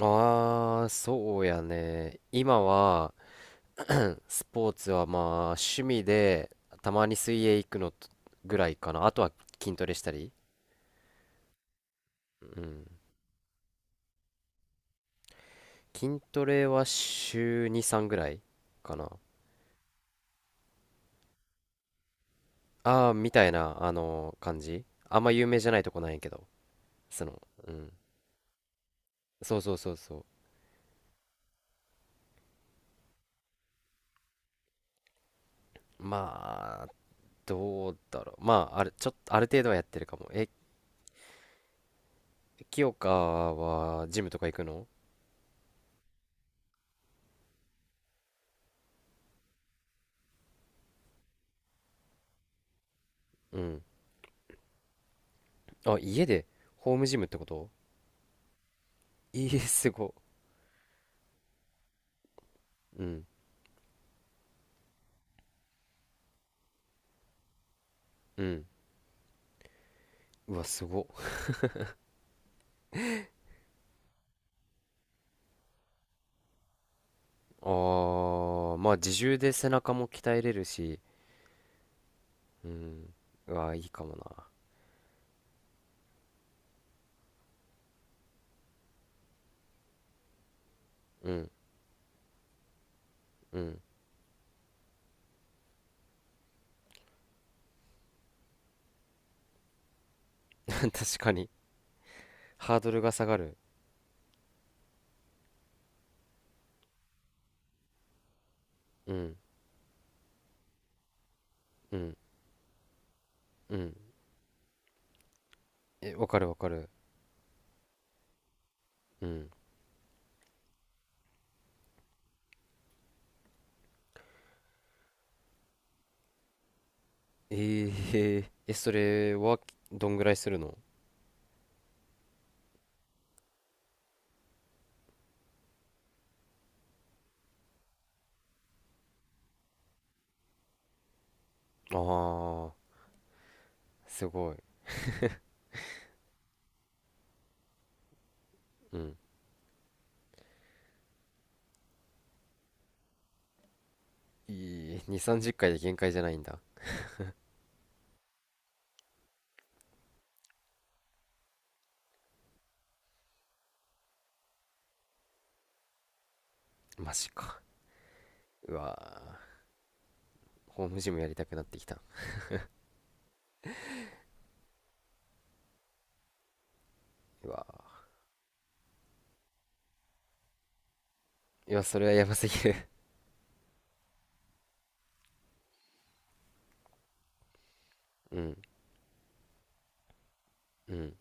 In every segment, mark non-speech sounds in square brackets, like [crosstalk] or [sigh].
ああ、そうやね。今は、スポーツはまあ、趣味で、たまに水泳行くのとぐらいかな。あとは筋トレしたり。うん。筋トレは週2、3ぐらいかな。ああ、みたいな、あの感じ。あんま有名じゃないとこなんやけど。その、うん。そうそうそうそう。まあ、どうだろう。まあ、ちょっと、ある程度はやってるかも。え、清香は、ジムとか行くの？うん。あ、家で、ホームジムってこと？ええ、すご。うん。うん。うわ、すご。ああ、まあ自重で背中も鍛えれるし、うん。うわ、いいかもな。うん。うん。[laughs] 確かに。ハードルが下がる。うん。うん。うん。え、わかるわかる。うん。えええ、それはどんぐらいするの？ああー、すごい。うん。いい、2、30回で限界じゃないんだ。マジか。うわー、ホームジムやりたくなってきた。うわー、いや、それはやばすぎる。[laughs] うん。うん。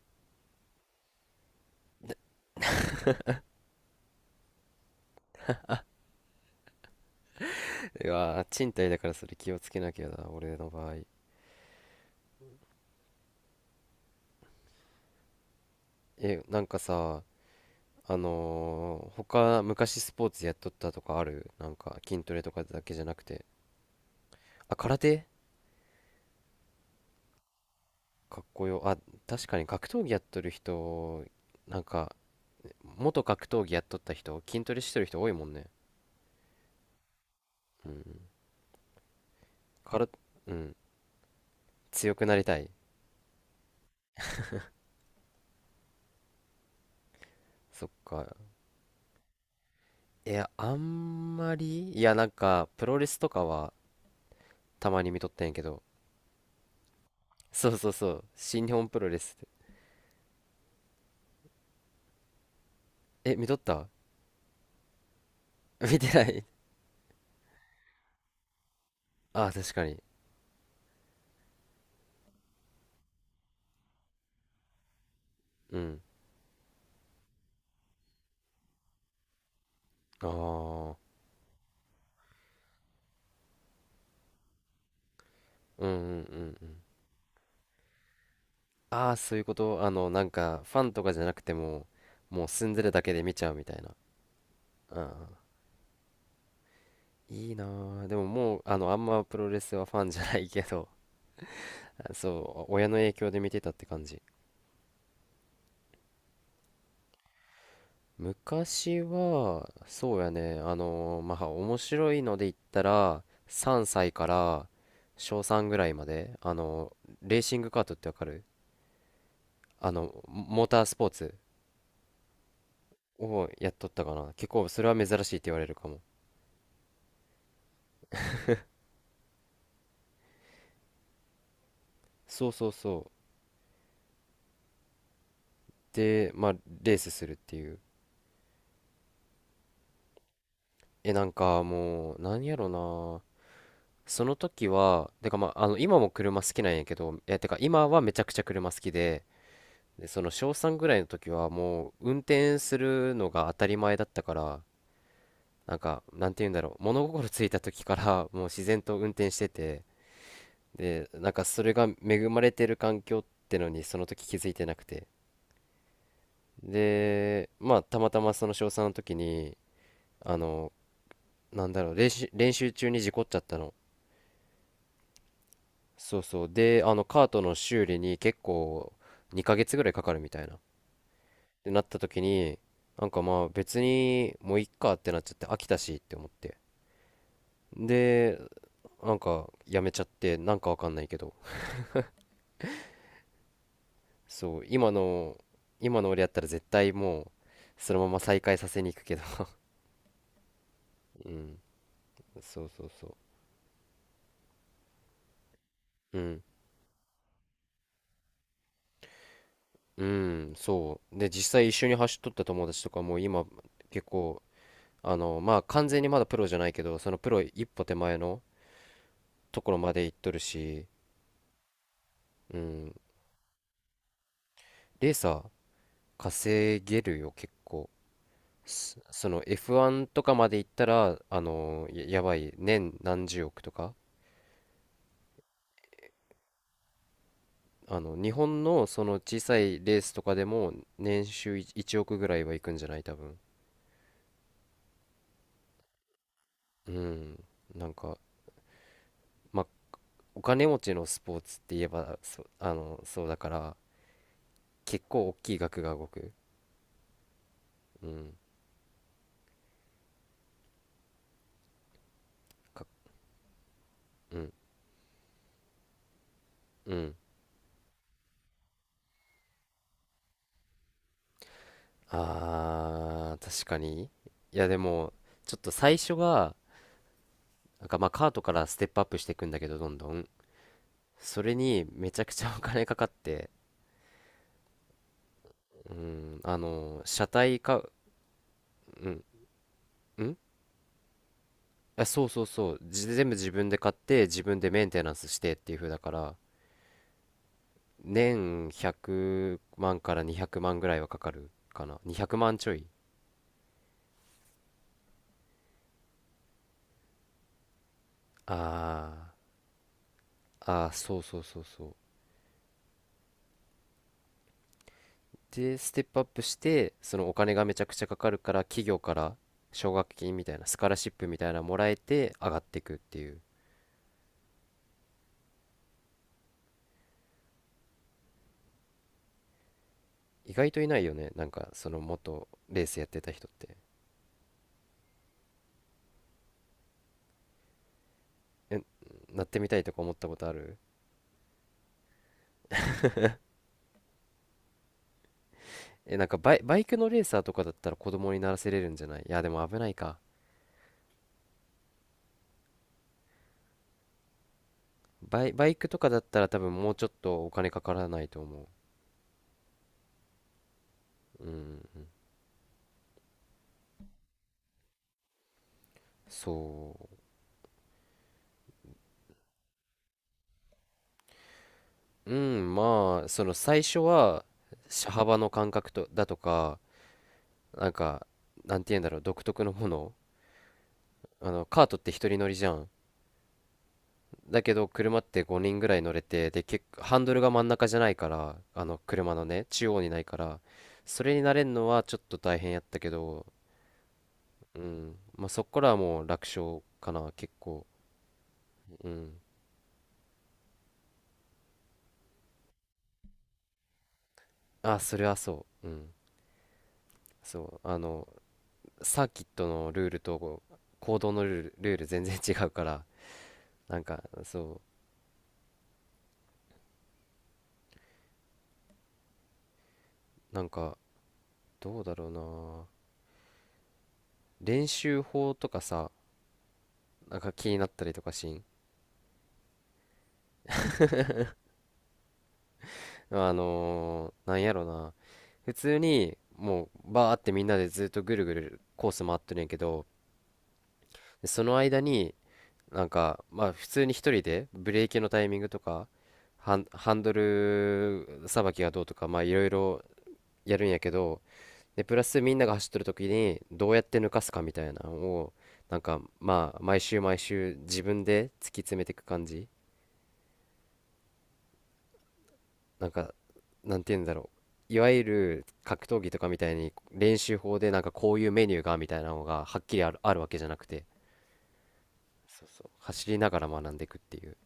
うわー、賃貸だからそれ気をつけなきゃだ、俺の場合。え、なんかさ、他、昔スポーツやっとったとかある？なんか、筋トレとかだけじゃなくて。あ、空手、かっこよ。あ、確かに格闘技やっとる人、なんか、元格闘技やっとった人、筋トレしてる人多いもんね。うん。から、うん。強くなりたい。そっか。いや、あんまり、いや、なんか、プロレスとかはたまに見とったんやけど、そうそうそう、新日本プロレス。え、見とった？ [laughs] 見てない？ [laughs] ああ、確かに。うん。ああ、うんうんうんうん。ああ、そういうこと。あの、なんか、ファンとかじゃなくても、もう住んでるだけで見ちゃうみたいな。ああ、いいなー。でももう、あの、あんまプロレスはファンじゃないけど、[laughs] そう、親の影響で見てたって感じ。昔は、そうやね、まあ、面白いので言ったら、3歳から小3ぐらいまで、レーシングカートってわかる？モータースポーツをやっとったかな。結構それは珍しいって言われるかも。そうそうそう。で、まあ、レースするっていう。え、なんかもう、なんやろな。その時は、てかまあ、今も車好きなんやけど、え、てか今はめちゃくちゃ車好きで、で、その小3ぐらいの時はもう、運転するのが当たり前だったから、なんか、なんて言うんだろう。物心ついた時からもう自然と運転してて、で、なんかそれが恵まれてる環境ってのにその時気づいてなくて。で、まあ、たまたまその小さんの時に、あの、なんだろう、練習中に事故っちゃったの。そうそう。で、カートの修理に結構2ヶ月ぐらいかかるみたいな。ってなった時に、なんかまあ別にもういっかってなっちゃって飽きたしって思って。で、なんかやめちゃって、なんかわかんないけど。そう、今の俺やったら絶対もう、そのまま再開させに行くけど。[laughs] うん。そうそうそう。うん。うん、そう。で、実際一緒に走っとった友達とかも今結構、まあ完全にまだプロじゃないけど、そのプロ一歩手前のところまで行っとるし、うん、レーサー稼げるよ、結構。その F1 とかまで行ったら、やばい、年何十億とか。日本のその小さいレースとかでも年収1億ぐらいは行くんじゃない、多分。うん。なんか、まあお金持ちのスポーツって言えばそそうだから、結構大きい額が動く。うん、か、うん、うん、あー、確かに。いやでもちょっと最初が、なんかまあカートからステップアップしていくんだけど、どんどんそれにめちゃくちゃお金かかって、うん、あの車体買う。うん、うん、あ、そうそうそう、全部自分で買って自分でメンテナンスしてっていう風だから、年100万から200万ぐらいはかかるかな、200万ちょい。あー、あー、そうそうそうそう。でステップアップしてそのお金がめちゃくちゃかかるから、企業から奨学金みたいな、スカラシップみたいなのもらえて上がっていくっていう。意外といないよね、なんかその元レースやってた人って。え、なってみたいとか思ったことある？え、なんかバイクのレーサーとかだったら子供にならせれるんじゃない？いやでも危ないか。バイクとかだったら多分もうちょっとお金かからないと思う。うん。そう。うん、まあ、その最初は、車幅の感覚と、だとか、なんか、なんて言うんだろう、独特のもの。カートって一人乗りじゃん。だけど、車って5人ぐらい乗れて、で、結構、ハンドルが真ん中じゃないから、車のね、中央にないから、それに慣れるのはちょっと大変やったけど、うん。まあ、そこからはもう楽勝かな、結構。うん。あ、それはそう。うん。そうサーキットのルールと行動のルール、全然違うから、なんかそう、なんかどうだろうな、練習法とかさ、なんか気になったりとかしん？なんやろな、普通にもうバーってみんなでずっとぐるぐるコース回ってるんやけど、その間になんかまあ普通に一人でブレーキのタイミングとかハンドルさばきがどうとか、まあいろいろやるんやけど、でプラスみんなが走ってる時にどうやって抜かすかみたいなのをなんかまあ毎週毎週自分で突き詰めていく感じ。なんか、なんて言うんだろう、いわゆる格闘技とかみたいに練習法でなんかこういうメニューがみたいなのがはっきりあるわけじゃなくて、そうそう走りながら学んでいくっていう。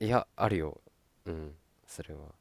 いやあるよ。うん、それは